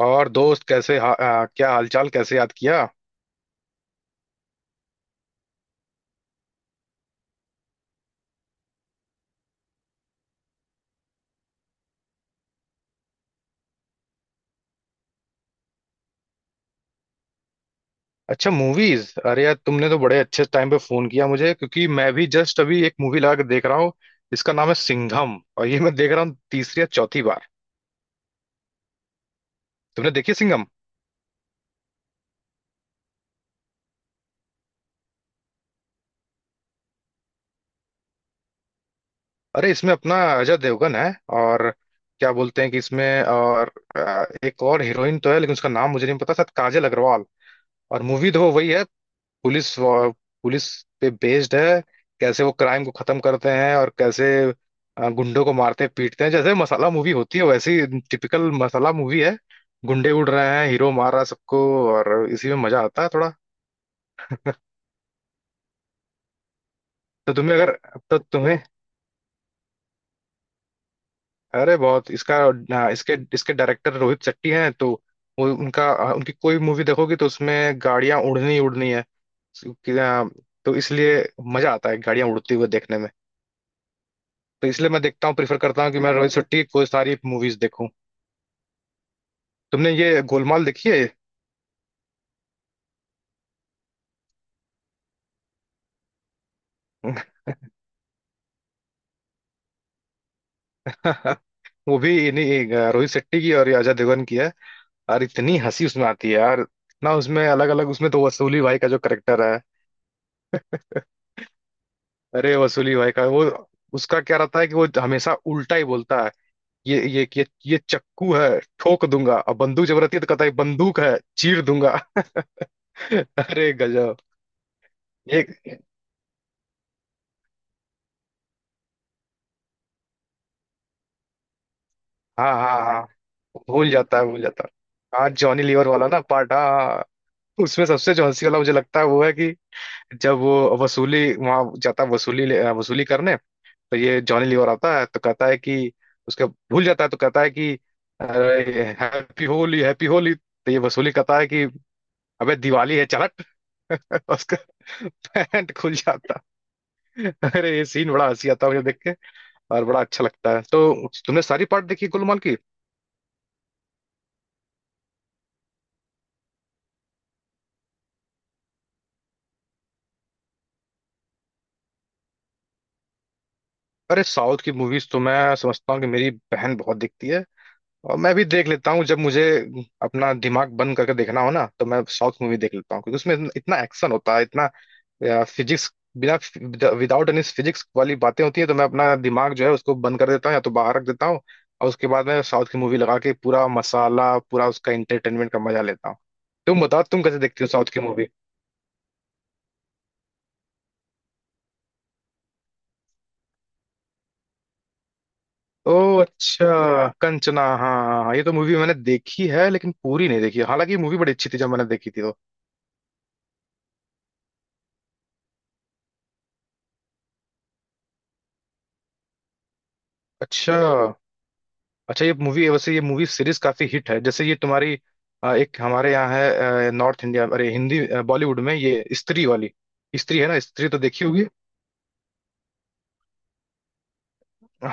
और दोस्त कैसे क्या हालचाल, कैसे याद किया। अच्छा मूवीज, अरे यार तुमने तो बड़े अच्छे टाइम पे फोन किया मुझे, क्योंकि मैं भी जस्ट अभी एक मूवी लगा के देख रहा हूँ। इसका नाम है सिंघम, और ये मैं देख रहा हूँ तीसरी या चौथी बार। तुमने देखी सिंघम? अरे इसमें अपना अजय देवगन है, और क्या बोलते हैं कि इसमें और एक और हीरोइन तो है, लेकिन उसका नाम मुझे नहीं पता, शायद काजल अग्रवाल। और मूवी तो वही है, पुलिस वा- पुलिस पे बेस्ड है। कैसे वो क्राइम को खत्म करते हैं, और कैसे गुंडों को मारते पीटते हैं, जैसे मसाला मूवी होती है वैसी। टिपिकल मसाला मूवी है। गुंडे उड़ रहे हैं, हीरो मार रहा है सबको, और इसी में मजा आता है थोड़ा। तो तुम्हें अगर तो तुम्हें अरे बहुत इसका इसके इसके डायरेक्टर रोहित शेट्टी हैं, तो वो उनका उनकी कोई मूवी देखोगी तो उसमें गाड़ियां उड़नी ही उड़नी है। कि, अ, तो इसलिए मजा आता है गाड़ियां उड़ती हुई देखने में। तो इसलिए मैं देखता हूँ, प्रीफर करता हूँ कि मैं रोहित शेट्टी को सारी मूवीज देखूं। तुमने ये गोलमाल देखी है? वो भी इन्हीं रोहित शेट्टी की, और ये अजय देवगन की है, और इतनी हंसी उसमें आती है यार। ना उसमें अलग अलग, उसमें तो वसूली भाई का जो करेक्टर है, अरे वसूली भाई का वो, उसका क्या रहता है कि वो हमेशा उल्टा ही बोलता है। ये चक्कू है ठोक दूंगा, और बंदूक जब रहती है तो कहता है बंदूक है चीर दूंगा। अरे गजब। एक, हाँ हाँ हाँ, भूल जाता है भूल जाता है, हाँ जॉनी लीवर वाला ना पार्ट, हाँ हाँ, हाँ। उसमें सबसे जो हंसी वाला मुझे लगता है वो है कि जब वो वसूली वहां जाता है वसूली करने, तो ये जॉनी लीवर आता है तो कहता है कि, उसका भूल जाता है तो कहता है कि अरे हैप्पी होली हैप्पी होली, तो ये वसूली कहता है कि अबे दिवाली है चल हट। उसका पैंट खुल जाता है। अरे ये सीन बड़ा हंसी आता है मुझे देख के, और बड़ा अच्छा लगता है। तो तुमने सारी पार्ट देखी गुलमाल की? अरे साउथ की मूवीज तो मैं समझता हूँ कि मेरी बहन बहुत देखती है, और मैं भी देख लेता हूँ, जब मुझे अपना दिमाग बंद करके देखना हो ना तो मैं साउथ मूवी देख लेता हूँ, क्योंकि उसमें इतना इतना एक्शन होता है, इतना फिजिक्स बिना, विदाउट एनी फिजिक्स वाली बातें होती है, तो मैं अपना दिमाग जो है उसको बंद कर देता हूँ या तो बाहर रख देता हूँ। और उसके बाद मैं साउथ की मूवी लगा के पूरा मसाला, पूरा उसका एंटरटेनमेंट का मजा लेता हूँ। तो तुम बताओ, तुम कैसे देखती हो साउथ की मूवी? ओ, अच्छा कंचना, हाँ हाँ हाँ, ये तो मूवी मैंने देखी है लेकिन पूरी नहीं देखी है। हालांकि मूवी बड़ी अच्छी थी जब मैंने देखी थी तो। अच्छा अच्छा, ये मूवी वैसे, ये मूवी सीरीज काफी हिट है, जैसे ये तुम्हारी एक हमारे यहाँ है नॉर्थ इंडिया, अरे हिंदी, बॉलीवुड में ये स्त्री वाली, स्त्री है ना, स्त्री तो देखी होगी।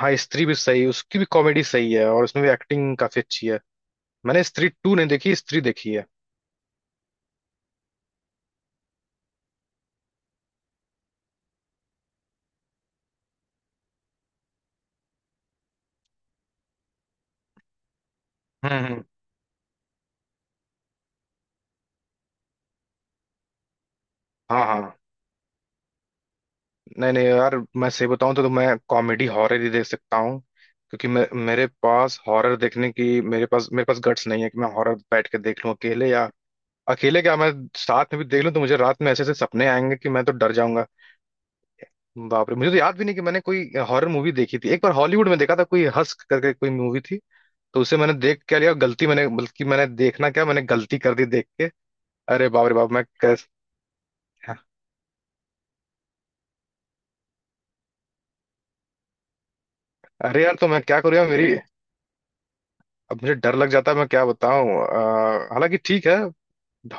हाँ स्त्री भी सही, उसकी भी कॉमेडी सही है, और उसमें भी एक्टिंग काफी अच्छी है। मैंने स्त्री टू नहीं देखी, स्त्री देखी है। हम्म हम्म। हाँ हाँ, नहीं नहीं यार, मैं सही बताऊं तो मैं कॉमेडी हॉरर ही देख सकता हूँ, क्योंकि मैं मेरे पास हॉरर देखने की मेरे पास गट्स नहीं है कि मैं हॉरर बैठ के देख लूं अकेले, या अकेले क्या मैं साथ में भी देख लूं तो मुझे रात में ऐसे ऐसे सपने आएंगे कि मैं तो डर जाऊंगा। बाप रे, मुझे तो याद भी नहीं कि मैंने कोई हॉरर मूवी देखी थी। एक बार हॉलीवुड में देखा था, कोई हस्क करके कोई मूवी थी, तो उसे मैंने देख क्या लिया गलती, मैंने, बल्कि मैंने देखना क्या, मैंने गलती कर दी देख के। अरे बाप रे बाप, मैं कैस अरे यार तो मैं क्या करूँ यार, मेरी, अब मुझे डर लग जाता है, मैं क्या बताऊं। हालांकि ठीक है।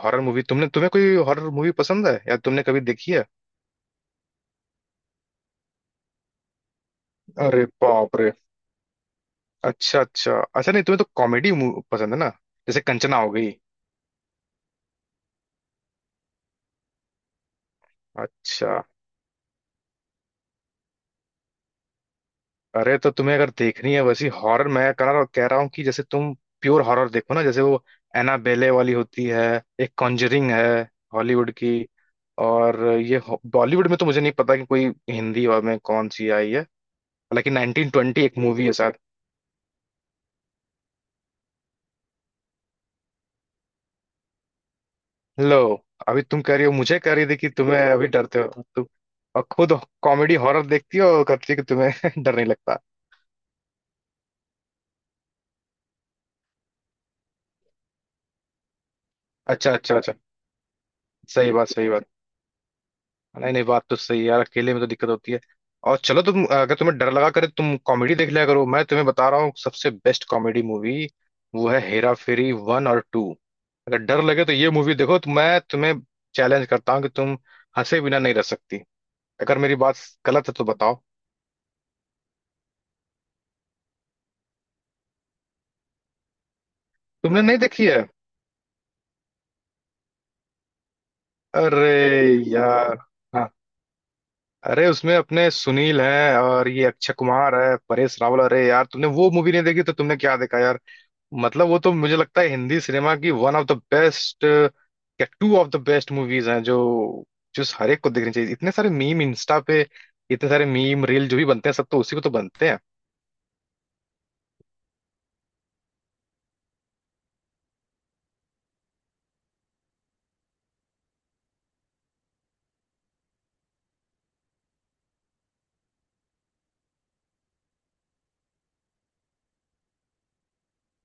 हॉरर मूवी तुमने तुम्हें कोई हॉरर मूवी पसंद है, या तुमने कभी देखी है? अरे बाप रे। अच्छा अच्छा अच्छा, नहीं तुम्हें तो कॉमेडी पसंद है ना, जैसे कंचना हो गई। अच्छा, अरे तो तुम्हें अगर देखनी है वैसी हॉरर, मैं कह रहा हूँ कि जैसे तुम प्योर हॉरर देखो ना, जैसे वो एनाबेले वाली होती है, एक कॉन्जरिंग है हॉलीवुड की, और बॉलीवुड में तो मुझे नहीं पता कि कोई हिंदी और में कौन सी आई है, हालांकि 1920 एक मूवी है शायद। लो, अभी तुम कह रही हो मुझे, कह रही थी कि तुम्हें, अभी डरते हो तुम, और खुद कॉमेडी हॉरर देखती हो और कहती है कि तुम्हें डर नहीं लगता। अच्छा अच्छा अच्छा, सही बात सही बात, नहीं नहीं बात तो सही है यार, अकेले में तो दिक्कत होती है। और चलो, तुम अगर तुम्हें डर लगा करे तो तुम कॉमेडी देख लिया करो, मैं तुम्हें बता रहा हूँ सबसे बेस्ट कॉमेडी मूवी, वो है हेरा फेरी वन और टू। अगर डर लगे तो ये मूवी देखो, तो मैं तुम्हें चैलेंज करता हूँ कि तुम हंसे बिना नहीं रह सकती, अगर मेरी बात गलत है तो बताओ। तुमने नहीं देखी है? अरे यार, हाँ, अरे उसमें अपने सुनील हैं, और ये अक्षय कुमार है, परेश रावल, अरे यार तुमने वो मूवी नहीं देखी तो तुमने क्या देखा यार, मतलब वो तो मुझे लगता है हिंदी सिनेमा की वन ऑफ द बेस्ट या two of the best movies हैं, जो जो हर एक को देखनी चाहिए, इतने सारे मीम इंस्टा पे, इतने सारे मीम रील जो भी बनते हैं सब तो उसी पे तो बनते हैं।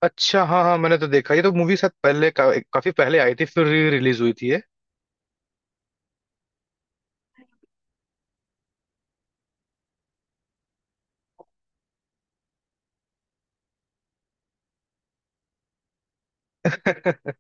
अच्छा हाँ हाँ, मैंने तो देखा, ये तो मूवी शायद काफी पहले आई थी, फिर रिलीज हुई थी ये।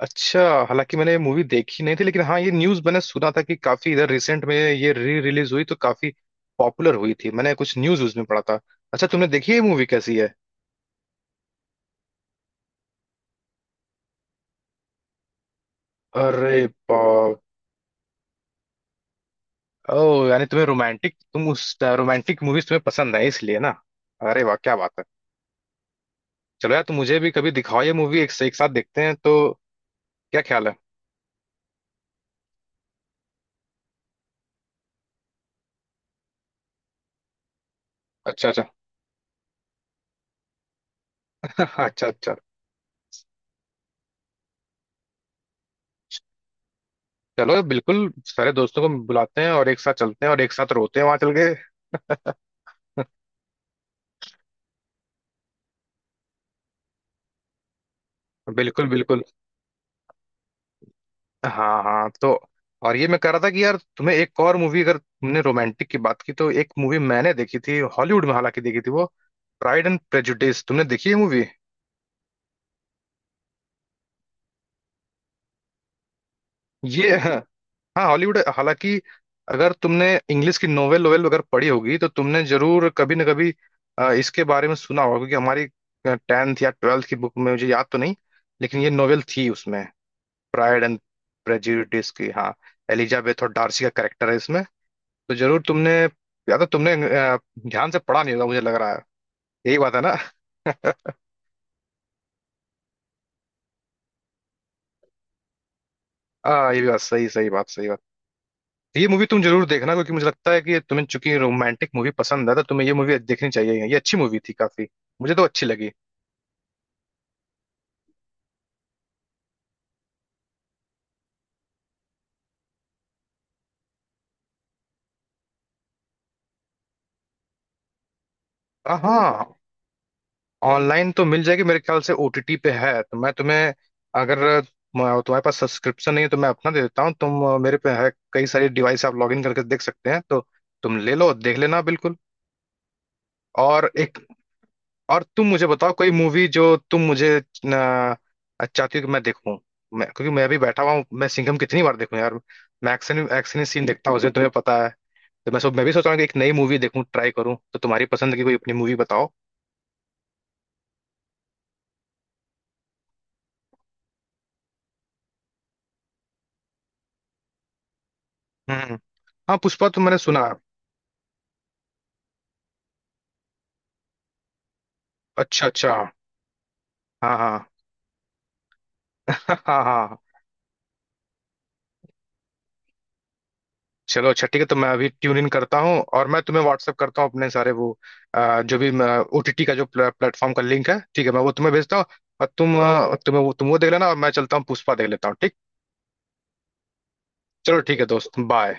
अच्छा, हालांकि मैंने ये मूवी देखी नहीं थी, लेकिन हाँ ये न्यूज मैंने सुना था कि काफी इधर रिसेंट में ये री रिलीज हुई तो काफी पॉपुलर हुई थी, मैंने कुछ न्यूज उसमें पढ़ा था। अच्छा, तुमने देखी है मूवी, कैसी है? अरे बाप, ओह, यानी तुम्हें रोमांटिक, तुम उस रोमांटिक मूवीज तुम्हें पसंद है इसलिए ना? अरे वाह क्या बात है, चलो यार तुम मुझे भी कभी दिखाओ ये मूवी, एक साथ देखते हैं, तो क्या ख्याल है? अच्छा अच्छा अच्छा अच्छा, चलो बिल्कुल, सारे दोस्तों को बुलाते हैं और एक साथ चलते हैं और एक साथ रोते हैं वहां चल के। बिल्कुल बिल्कुल, हाँ हाँ तो, और ये मैं कह रहा था कि यार तुम्हें एक और मूवी, अगर तुमने रोमांटिक की बात की तो, एक मूवी मैंने देखी थी हॉलीवुड में, हालांकि देखी थी वो, प्राइड एंड प्रेजुडिस, तुमने देखी है मूवी? ये हाँ हॉलीवुड, हालांकि अगर तुमने इंग्लिश की नोवेल नोवेल अगर पढ़ी होगी तो तुमने जरूर कभी ना कभी इसके बारे में सुना होगा, क्योंकि हमारी 10th या 12th की बुक में मुझे याद तो नहीं, लेकिन ये नोवेल थी उसमें, प्राइड एंड प्रेजुडिस की, हाँ। एलिजाबेथ और डार्सी का कैरेक्टर है इसमें, तो जरूर तुमने, या तो तुमने ध्यान से पढ़ा नहीं होगा मुझे लग रहा है, यही बात है ना? हाँ, ये भी बात सही, सही बात सही बात, ये मूवी तुम जरूर देखना, क्योंकि मुझे लगता है कि ये तुम्हें, चूंकि रोमांटिक मूवी पसंद है तो तुम्हें ये मूवी देखनी चाहिए, ये अच्छी मूवी थी काफी, मुझे तो अच्छी लगी। हाँ, ऑनलाइन तो मिल जाएगी मेरे ख्याल से, ओटीटी पे है, तो मैं तुम्हें, अगर तुम्हारे पास सब्सक्रिप्शन नहीं है तो मैं अपना दे देता हूँ, तुम मेरे पे है कई सारी डिवाइस, आप लॉग इन करके देख सकते हैं, तो तुम ले लो देख लेना बिल्कुल। और एक, और तुम मुझे बताओ कोई मूवी जो तुम मुझे न, चाहती हो कि मैं देखूं, मैं, क्योंकि मैं अभी बैठा हुआ हूँ, मैं सिंघम कितनी बार देखूं यार, मैं एक्शन एक्शन सीन देखता हूँ उसे तुम्हें पता है, तो मैं सब, मैं भी सोच रहा हूँ कि एक नई मूवी देखूं, ट्राई करूं, तो तुम्हारी पसंद की कोई अपनी मूवी बताओ। हम्म। हाँ पुष्पा तो मैंने सुना। अच्छा अच्छा। हाँ हाँ हाँ हाँ हाँ। चलो अच्छा ठीक है, तो मैं अभी ट्यून इन करता हूँ और मैं तुम्हें व्हाट्सअप करता हूँ अपने सारे वो जो भी ओटीटी का जो प्लेटफॉर्म का लिंक है, ठीक है मैं वो तुम्हें भेजता हूँ। और तुम तुम्हें वो, तुम वो देख लेना, और मैं चलता हूँ पुष्पा देख लेता हूँ, ठीक? चलो ठीक है दोस्त, बाय।